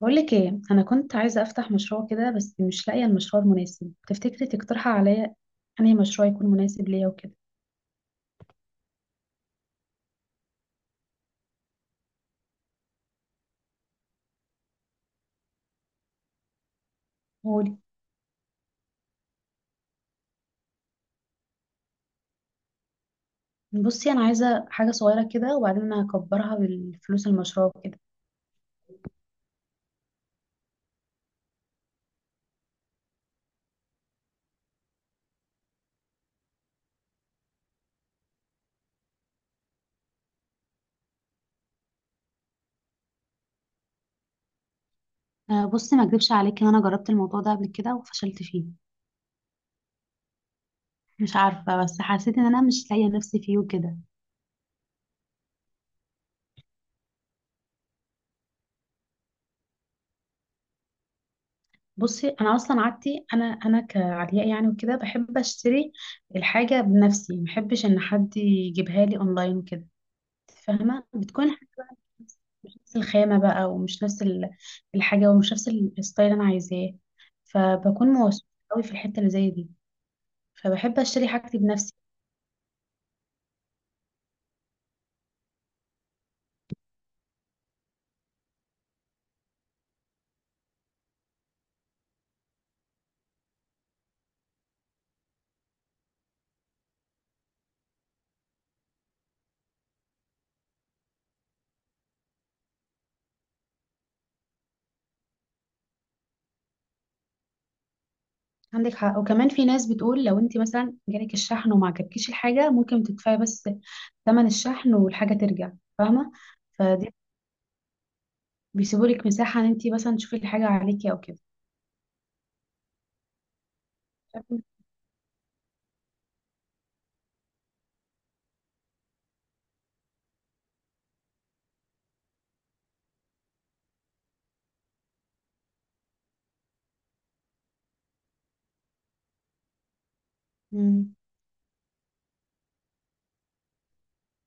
بقولك ايه، انا كنت عايزه افتح مشروع كده بس مش لاقيه المشروع المناسب. تفتكري تقترحي عليا انهي مشروع يكون مناسب ليا وكده؟ قولي. بصي انا عايزه حاجه صغيره كده، وبعدين انا هكبرها بالفلوس المشروع كده. آه، بصي ما اكدبش عليكي ان انا جربت الموضوع ده قبل كده وفشلت فيه. مش عارفه بس حسيت ان انا مش لاقيه نفسي فيه وكده. بصي انا اصلا عادتي، انا كعلياء يعني وكده، بحب اشتري الحاجه بنفسي، ما بحبش ان حد يجيبها لي اونلاين وكده. فاهمه، بتكون مش نفس الخامة بقى، ومش نفس الحاجة، ومش نفس الستايل اللي أنا عايزاه. فبكون موسوسة قوي في الحتة اللي زي دي، فبحب أشتري حاجتي بنفسي. عندك حق، وكمان في ناس بتقول لو انت مثلا جالك الشحن وما عجبكيش الحاجة ممكن تدفعي بس ثمن الشحن والحاجة ترجع. فاهمة؟ فدي بيسيبوا لك مساحة ان انت مثلا تشوفي الحاجة عليكي او كده. مم.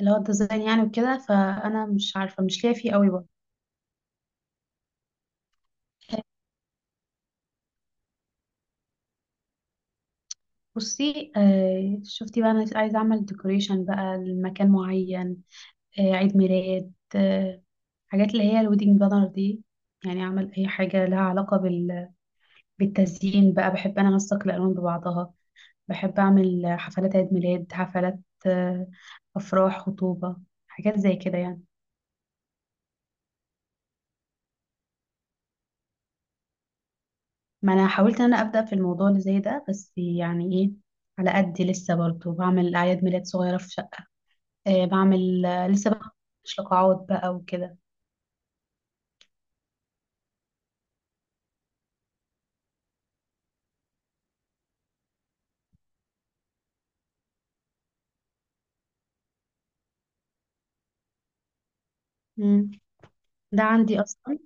اللي هو الديزاين يعني وكده، فأنا مش عارفة، مش ليا فيه قوي بقى. بصي آه، شفتي بقى، انا عايزه اعمل ديكوريشن بقى لمكان معين. آه، عيد ميلاد، آه، حاجات اللي هي الويدنج بانر دي. يعني اعمل اي حاجه لها علاقه بالتزيين بقى. بحب انا انسق الالوان ببعضها، بحب اعمل حفلات عيد ميلاد، حفلات، آه، افراح، خطوبه، حاجات زي كده يعني. ما انا حاولت ان انا ابدا في الموضوع اللي زي ده، بس يعني ايه، على قدي لسه برضه بعمل اعياد ميلاد صغيره في شقه. آه، بعمل، آه، لسه بقى، مش لقاعات بقى وكده. مم. ده عندي اصلا.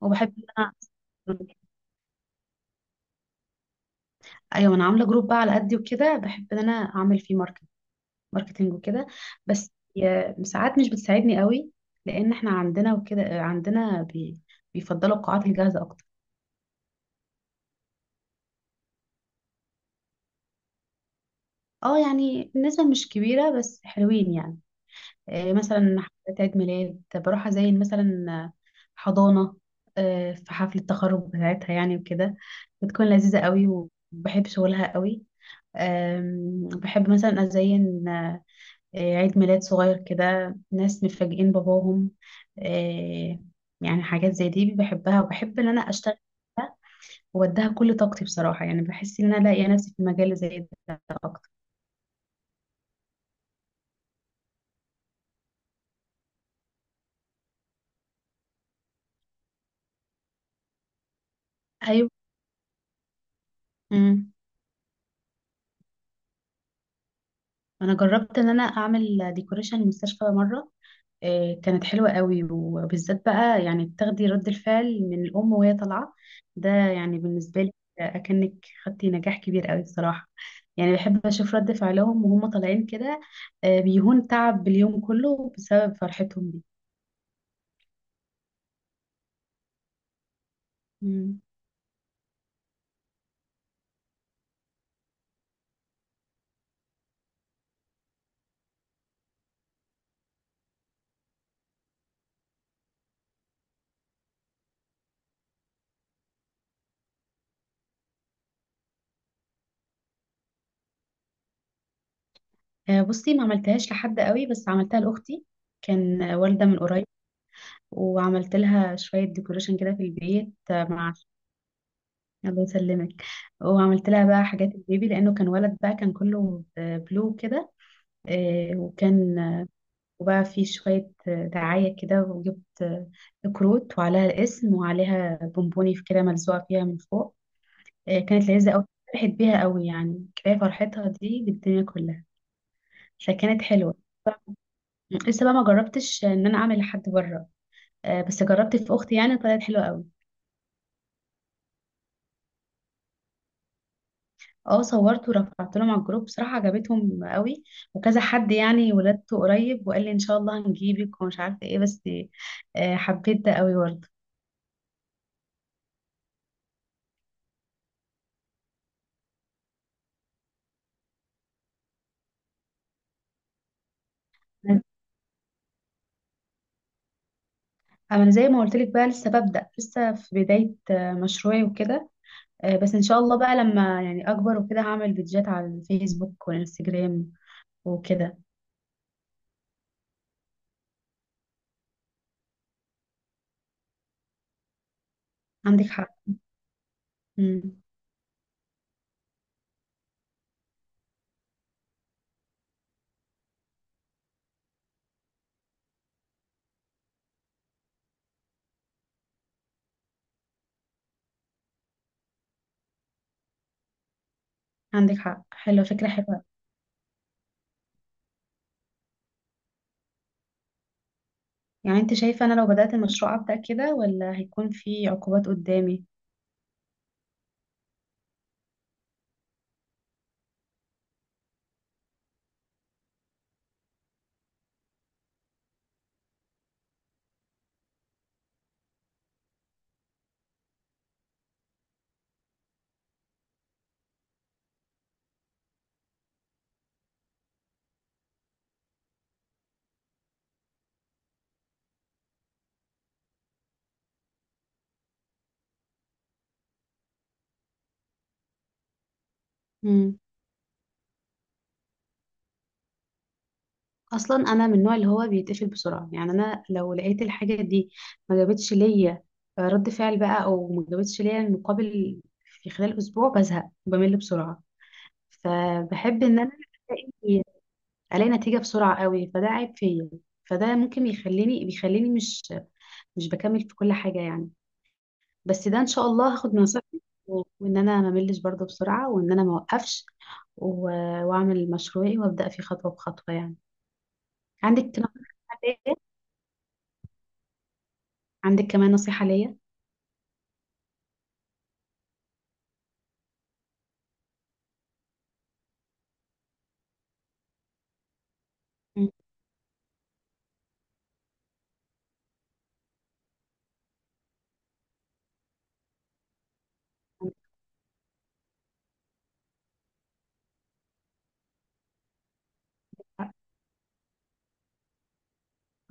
وبحب ان انا، ايوه انا عامله جروب بقى على قدي وكده، بحب ان انا اعمل فيه ماركتنج وكده. بس ساعات مش بتساعدني قوي، لان احنا عندنا وكده، عندنا بيفضلوا القاعات الجاهزه اكتر. اه يعني النسبه مش كبيره، بس حلوين يعني. آه، مثلا حفلات عيد ميلاد، بروح ازين مثلا حضانه، آه، في حفله التخرج بتاعتها يعني وكده، بتكون لذيذه قوي، وبحب شغلها قوي. أم، بحب مثلا أزين، آه، عيد ميلاد صغير كده، ناس مفاجئين باباهم، آه، يعني حاجات زي دي بحبها، وبحب إن أنا أشتغل فيها وأديها كل طاقتي بصراحة. يعني بحس إن أنا لاقية نفسي في مجال زي ده أكتر. أيوة. أمم. أنا جربت إن أنا أعمل ديكوريشن مستشفى مرة. آه، كانت حلوة قوي، وبالذات بقى يعني تاخدي رد الفعل من الأم وهي طالعة. ده يعني بالنسبة لي أكنك خدتي نجاح كبير قوي بصراحة. يعني بحب أشوف رد فعلهم وهم طالعين كده. آه، بيهون تعب اليوم كله بسبب فرحتهم دي. مم. آه، بصي ما عملتهاش لحد قوي، بس عملتها لأختي. كان، آه، والدة من قريب، وعملت لها شوية ديكوريشن كده في البيت، آه، مع، الله يسلمك. وعملت لها بقى حاجات البيبي لأنه كان ولد بقى، كان كله، آه، بلو كده. آه، وكان، وبقى في شوية، آه، دعاية كده، وجبت، آه، كروت وعليها الاسم وعليها بونبوني في كده ملزوقة فيها من فوق. آه، كانت لذيذة أوي، فرحت بيها أوي. يعني كفاية فرحتها دي بالدنيا كلها. فكانت حلوة. لسه بقى ما جربتش إن أنا أعمل لحد بره، آه، بس جربت في أختي يعني، طلعت حلوة أوي. اه صورت ورفعت لهم على الجروب، بصراحة عجبتهم أوي، وكذا حد يعني ولادته قريب وقال لي إن شاء الله هنجيبك ومش عارفة إيه. بس، آه، حبيت ده أوي برضه. انا زي ما قلت لك بقى، لسه ببدأ، لسه في بداية، آه، مشروعي وكده. آه، بس ان شاء الله بقى لما يعني اكبر وكده، هعمل فيديوهات على الفيسبوك والانستجرام وكده. عندك حق. مم. عندك حق، حلوة، فكرة حلوة. يعني انت شايفة انا لو بدأت المشروع أبدأ كده، ولا هيكون في عقوبات قدامي؟ مم. اصلا انا من النوع اللي هو بيتقفل بسرعة. يعني انا لو لقيت الحاجة دي ما جابتش ليا رد فعل بقى، او ما جابتش ليا المقابل في خلال اسبوع، بزهق، بمل بسرعة. فبحب ان انا الاقي، الاقي نتيجه بسرعه قوي. فده عيب فيا، فده ممكن يخليني، بيخليني مش بكمل في كل حاجه يعني. بس ده ان شاء الله هاخد من نصيحتك، وان انا ما ملش برضه بسرعه، وان انا ما اوقفش، واعمل مشروعي وابدا فيه خطوه بخطوه يعني. عندك نصيحه ليا؟ عندك كمان نصيحه ليا؟ مم.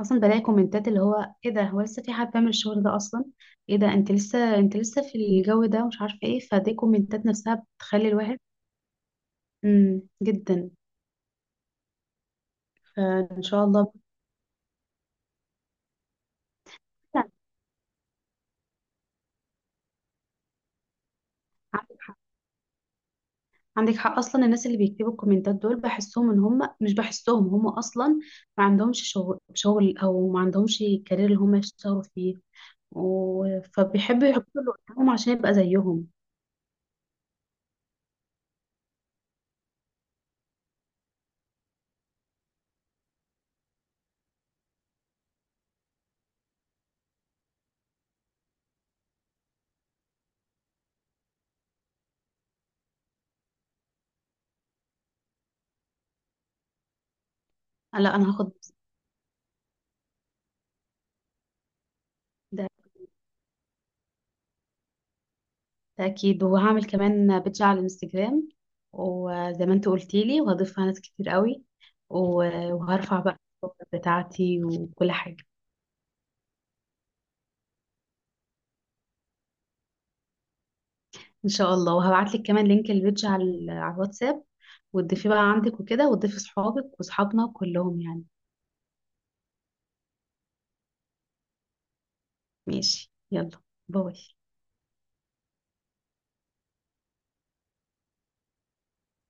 اصلا بلاقي كومنتات اللي هو: ايه ده، هو لسه في حد بيعمل الشغل ده اصلا؟ ايه ده، انت لسه، انت لسه في الجو ده، مش عارفه ايه. فدي كومنتات نفسها بتخلي الواحد. امم، جدا. فان شاء الله. فعلاً. عندك حق، عندك حق. اصلا الناس اللي بيكتبوا الكومنتات دول، بحسهم ان هم مش، بحسهم هم اصلا ما عندهمش شغل شغل، او ما عندهمش كارير اللي هم يشتغلوا فيه. فبيحبوا يحطوا اللي قدامهم عشان يبقى زيهم. لا انا هاخد ده، ده اكيد. وهعمل كمان بيدج على الانستجرام، وزي ما انت قلتي لي وهضيفها ناس كتير قوي. و... وهرفع بقى الصور بتاعتي وكل حاجه. ان شاء الله، وهبعت لك كمان لينك البيج على على الواتساب، وتضيفيه بقى عندك وكده، وتضيفي صحابك وصحابنا كلهم يعني. ماشي، يلا، باي.